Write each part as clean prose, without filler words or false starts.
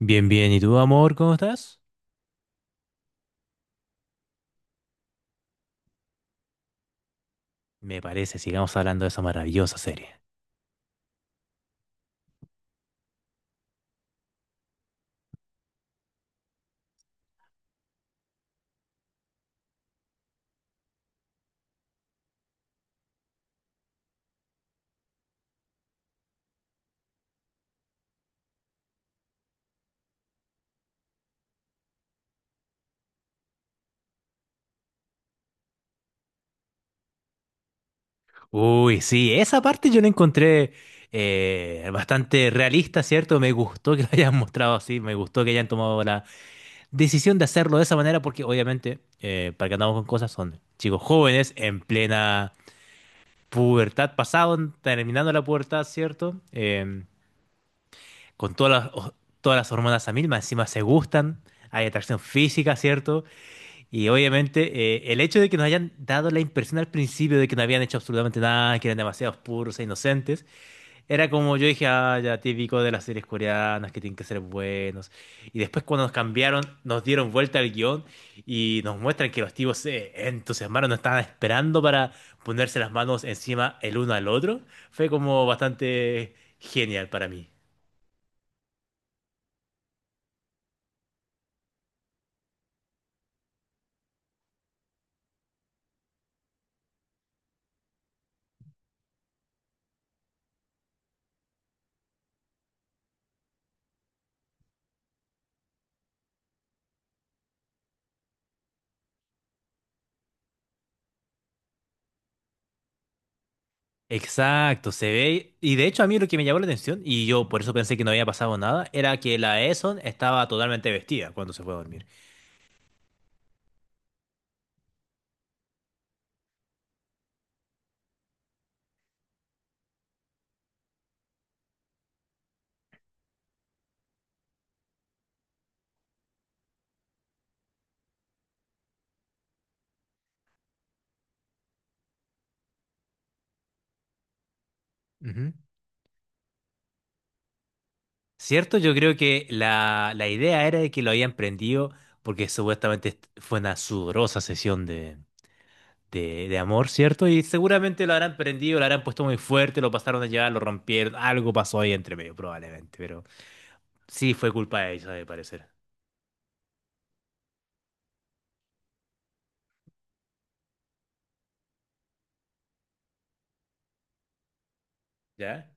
Bien, bien. ¿Y tú, amor, cómo estás? Me parece, sigamos hablando de esa maravillosa serie. Uy, sí, esa parte yo la encontré bastante realista, ¿cierto? Me gustó que la hayan mostrado así, me gustó que hayan tomado la decisión de hacerlo de esa manera, porque obviamente, para que andamos con cosas, son chicos jóvenes en plena pubertad, pasado, terminando la pubertad, ¿cierto? Con todas las hormonas a mil, más encima se gustan, hay atracción física, ¿cierto? Y obviamente el hecho de que nos hayan dado la impresión al principio de que no habían hecho absolutamente nada, que eran demasiados puros e inocentes, era como yo dije, ah, ya típico de las series coreanas que tienen que ser buenos. Y después cuando nos cambiaron, nos dieron vuelta al guión y nos muestran que los tipos se entusiasmaron, no estaban esperando para ponerse las manos encima el uno al otro. Fue como bastante genial para mí. Exacto, se ve. Y de hecho a mí lo que me llamó la atención, y yo por eso pensé que no había pasado nada, era que la Eson estaba totalmente vestida cuando se fue a dormir. Ujú. ¿Cierto? Yo creo que la idea era de que lo habían prendido porque supuestamente est- fue una sudorosa sesión de amor, ¿cierto? Y seguramente lo habrán prendido, lo habrán puesto muy fuerte, lo pasaron a llevar, lo rompieron, algo pasó ahí entre medio, probablemente, pero sí fue culpa de ella, de parecer. ¿Ya?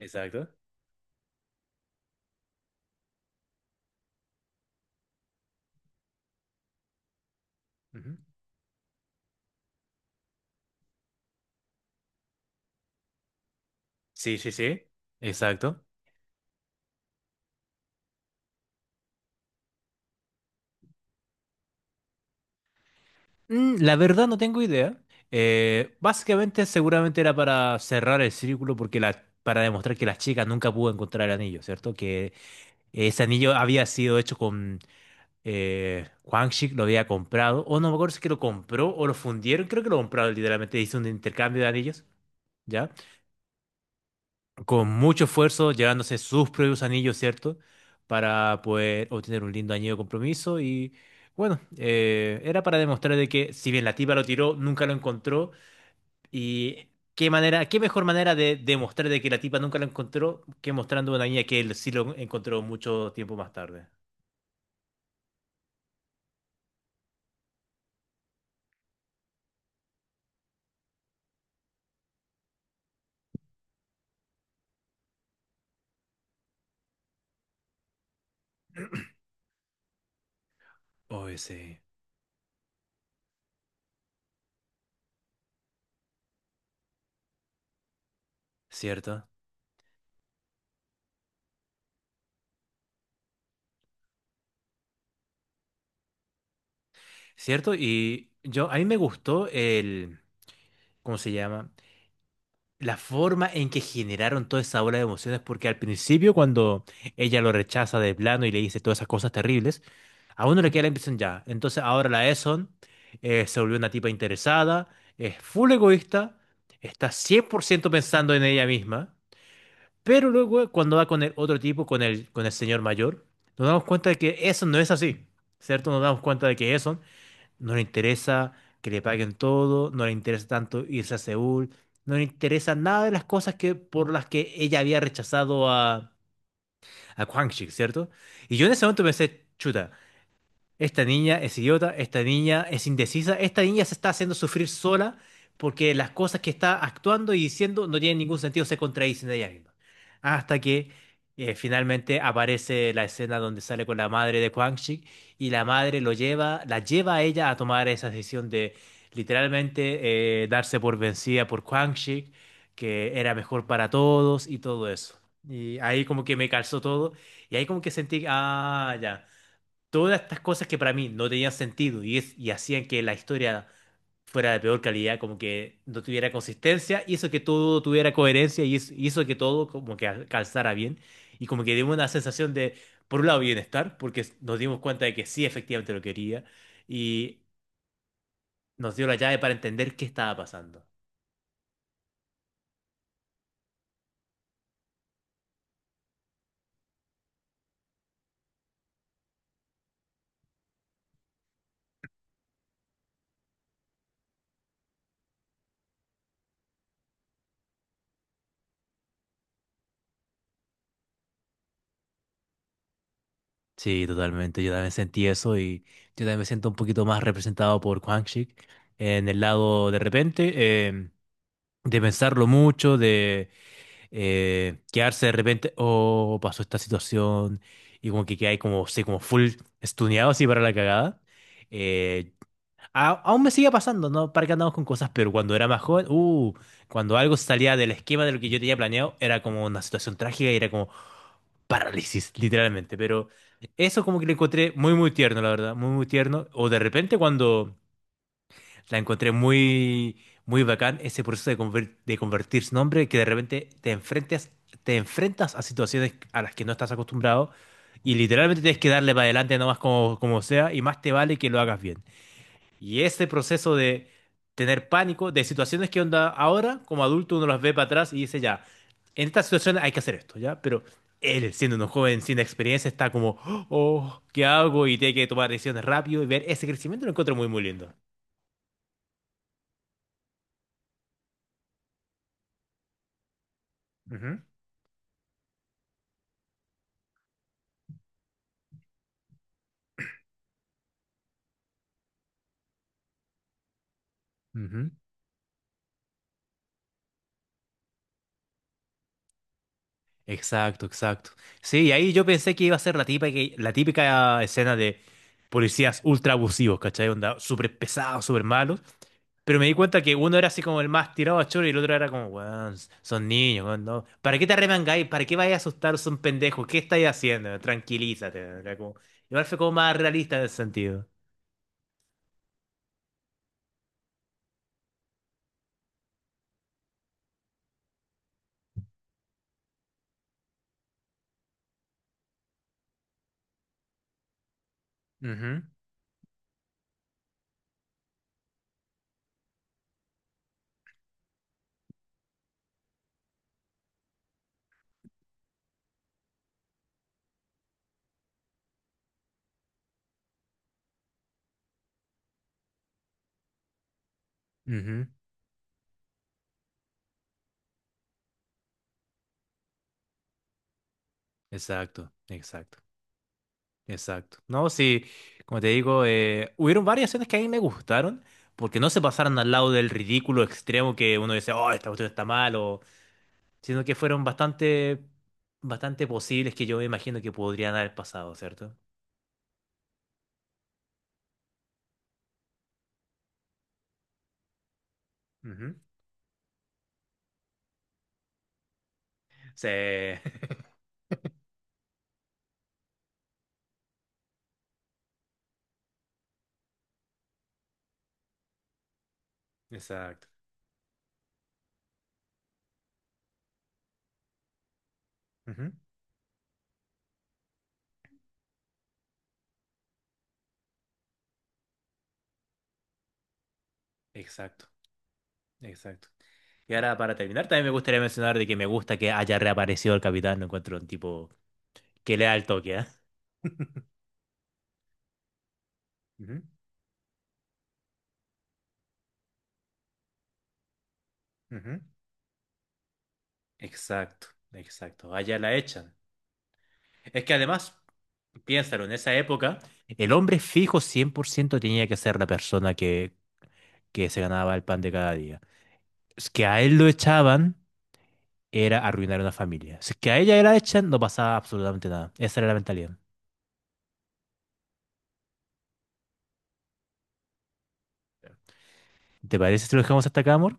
Exacto. Ujú. Sí, sí, sí. Exacto. La verdad no tengo idea. Básicamente seguramente era para cerrar el círculo porque para demostrar que la chica nunca pudo encontrar el anillo, ¿cierto? Que ese anillo había sido hecho con Huang Shi, lo había comprado, o no me acuerdo si es que lo compró o lo fundieron, creo que lo compraron literalmente, hizo un intercambio de anillos, ¿ya? Con mucho esfuerzo, llevándose sus propios anillos, ¿cierto? Para poder obtener un lindo anillo de compromiso y bueno, era para demostrar de que si bien la tipa lo tiró, nunca lo encontró. Y qué manera, qué mejor manera de demostrar de que la tipa nunca lo encontró que mostrando a una niña que él sí lo encontró mucho tiempo más tarde. Oh, sí, cierto. Cierto, a mí me gustó el, ¿cómo se llama? La forma en que generaron toda esa ola de emociones, porque al principio cuando ella lo rechaza de plano y le dice todas esas cosas terribles, a uno le queda la impresión ya. Entonces ahora la Eson se volvió una tipa interesada, es full egoísta, está 100% pensando en ella misma, pero luego cuando va con el otro tipo, con el señor mayor, nos damos cuenta de que Eson no es así, ¿cierto? Nos damos cuenta de que Eson no le interesa que le paguen todo, no le interesa tanto irse a Seúl, no le interesa nada de las cosas por las que ella había rechazado a Kwang Shik, ¿cierto? Y yo en ese momento pensé, chuta. Esta niña es idiota, esta niña es indecisa, esta niña se está haciendo sufrir sola porque las cosas que está actuando y diciendo no tienen ningún sentido, se contradicen de ella misma. Hasta que finalmente aparece la escena donde sale con la madre de Quang Shi y la madre lo lleva, la lleva a ella a tomar esa decisión de literalmente darse por vencida por Quang Shi, que era mejor para todos y todo eso. Y ahí como que me calzó todo y ahí como que sentí, ah, ya todas estas cosas que para mí no tenían sentido y hacían que la historia fuera de peor calidad, como que no tuviera consistencia, hizo que todo tuviera coherencia y hizo que todo como que calzara bien y como que dio una sensación de, por un lado, bienestar, porque nos dimos cuenta de que sí, efectivamente lo quería y nos dio la llave para entender qué estaba pasando. Sí, totalmente. Yo también sentí eso y yo también me siento un poquito más representado por Quang Shik en el lado de repente. De pensarlo mucho, de quedarse de repente, oh, pasó esta situación, y como que quedáis como, sí, como full estuneado así para la cagada. Eh, aún me sigue pasando, ¿no? Para que andamos con cosas, pero cuando era más joven, cuando algo salía del esquema de lo que yo tenía planeado, era como una situación trágica y era como parálisis, literalmente. Pero eso como que lo encontré muy, muy tierno, la verdad, muy, muy tierno. O de repente cuando la encontré muy, muy bacán ese proceso de convertirse en hombre que de repente te enfrentes, te enfrentas a situaciones a las que no estás acostumbrado y literalmente tienes que darle para adelante nomás como, como sea y más te vale que lo hagas bien. Y ese proceso de tener pánico, de situaciones que onda ahora como adulto uno las ve para atrás y dice ya, en esta situación hay que hacer esto, ¿ya? Pero él, siendo un joven sin experiencia, está como, oh, ¿qué hago? Y tiene que tomar decisiones rápido y ver ese crecimiento lo encuentro muy, muy lindo. Ujú. Ujú. Exacto, exacto. Sí, y ahí yo pensé que iba a ser la típica, la típica escena de policías ultra abusivos, ¿cachai? Onda, súper pesados, súper malos. Pero me di cuenta que uno era así como el más tirado a choro y el otro era como, weón, son niños, weón, no. ¿Para qué te arremangáis? ¿Para qué vais a asustar? Son pendejos. ¿Qué estáis haciendo? Tranquilízate. Era como- Igual fue como más realista en ese sentido. Ujú, ujú. Exacto, exacto. Exacto. No, sí, como te digo, hubieron varias escenas que a mí me gustaron, porque no se pasaron al lado del ridículo extremo que uno dice, oh, esta cuestión está mal, o- sino que fueron bastante, bastante posibles que yo me imagino que podrían haber pasado, ¿cierto? Ujú. Sí. Exacto. Ujú. Exacto. Exacto. Y ahora, para terminar, también me gustaría mencionar de que me gusta que haya reaparecido el capitán, lo encuentro un tipo que le da el toque, ¿eh? Ujú, ujú. Exacto, exacto. Allá la echan. Es que además, piénsalo, en esa época, el hombre fijo 100% tenía que ser la persona que se ganaba el pan de cada día. Es que a él lo echaban, era arruinar una familia. Si es que a ella la echan, no pasaba absolutamente nada. Esa era la mentalidad. ¿Te parece si lo dejamos hasta acá, amor?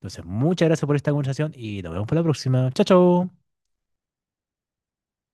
Entonces, muchas gracias por esta conversación y nos vemos para la próxima. Chao, chao.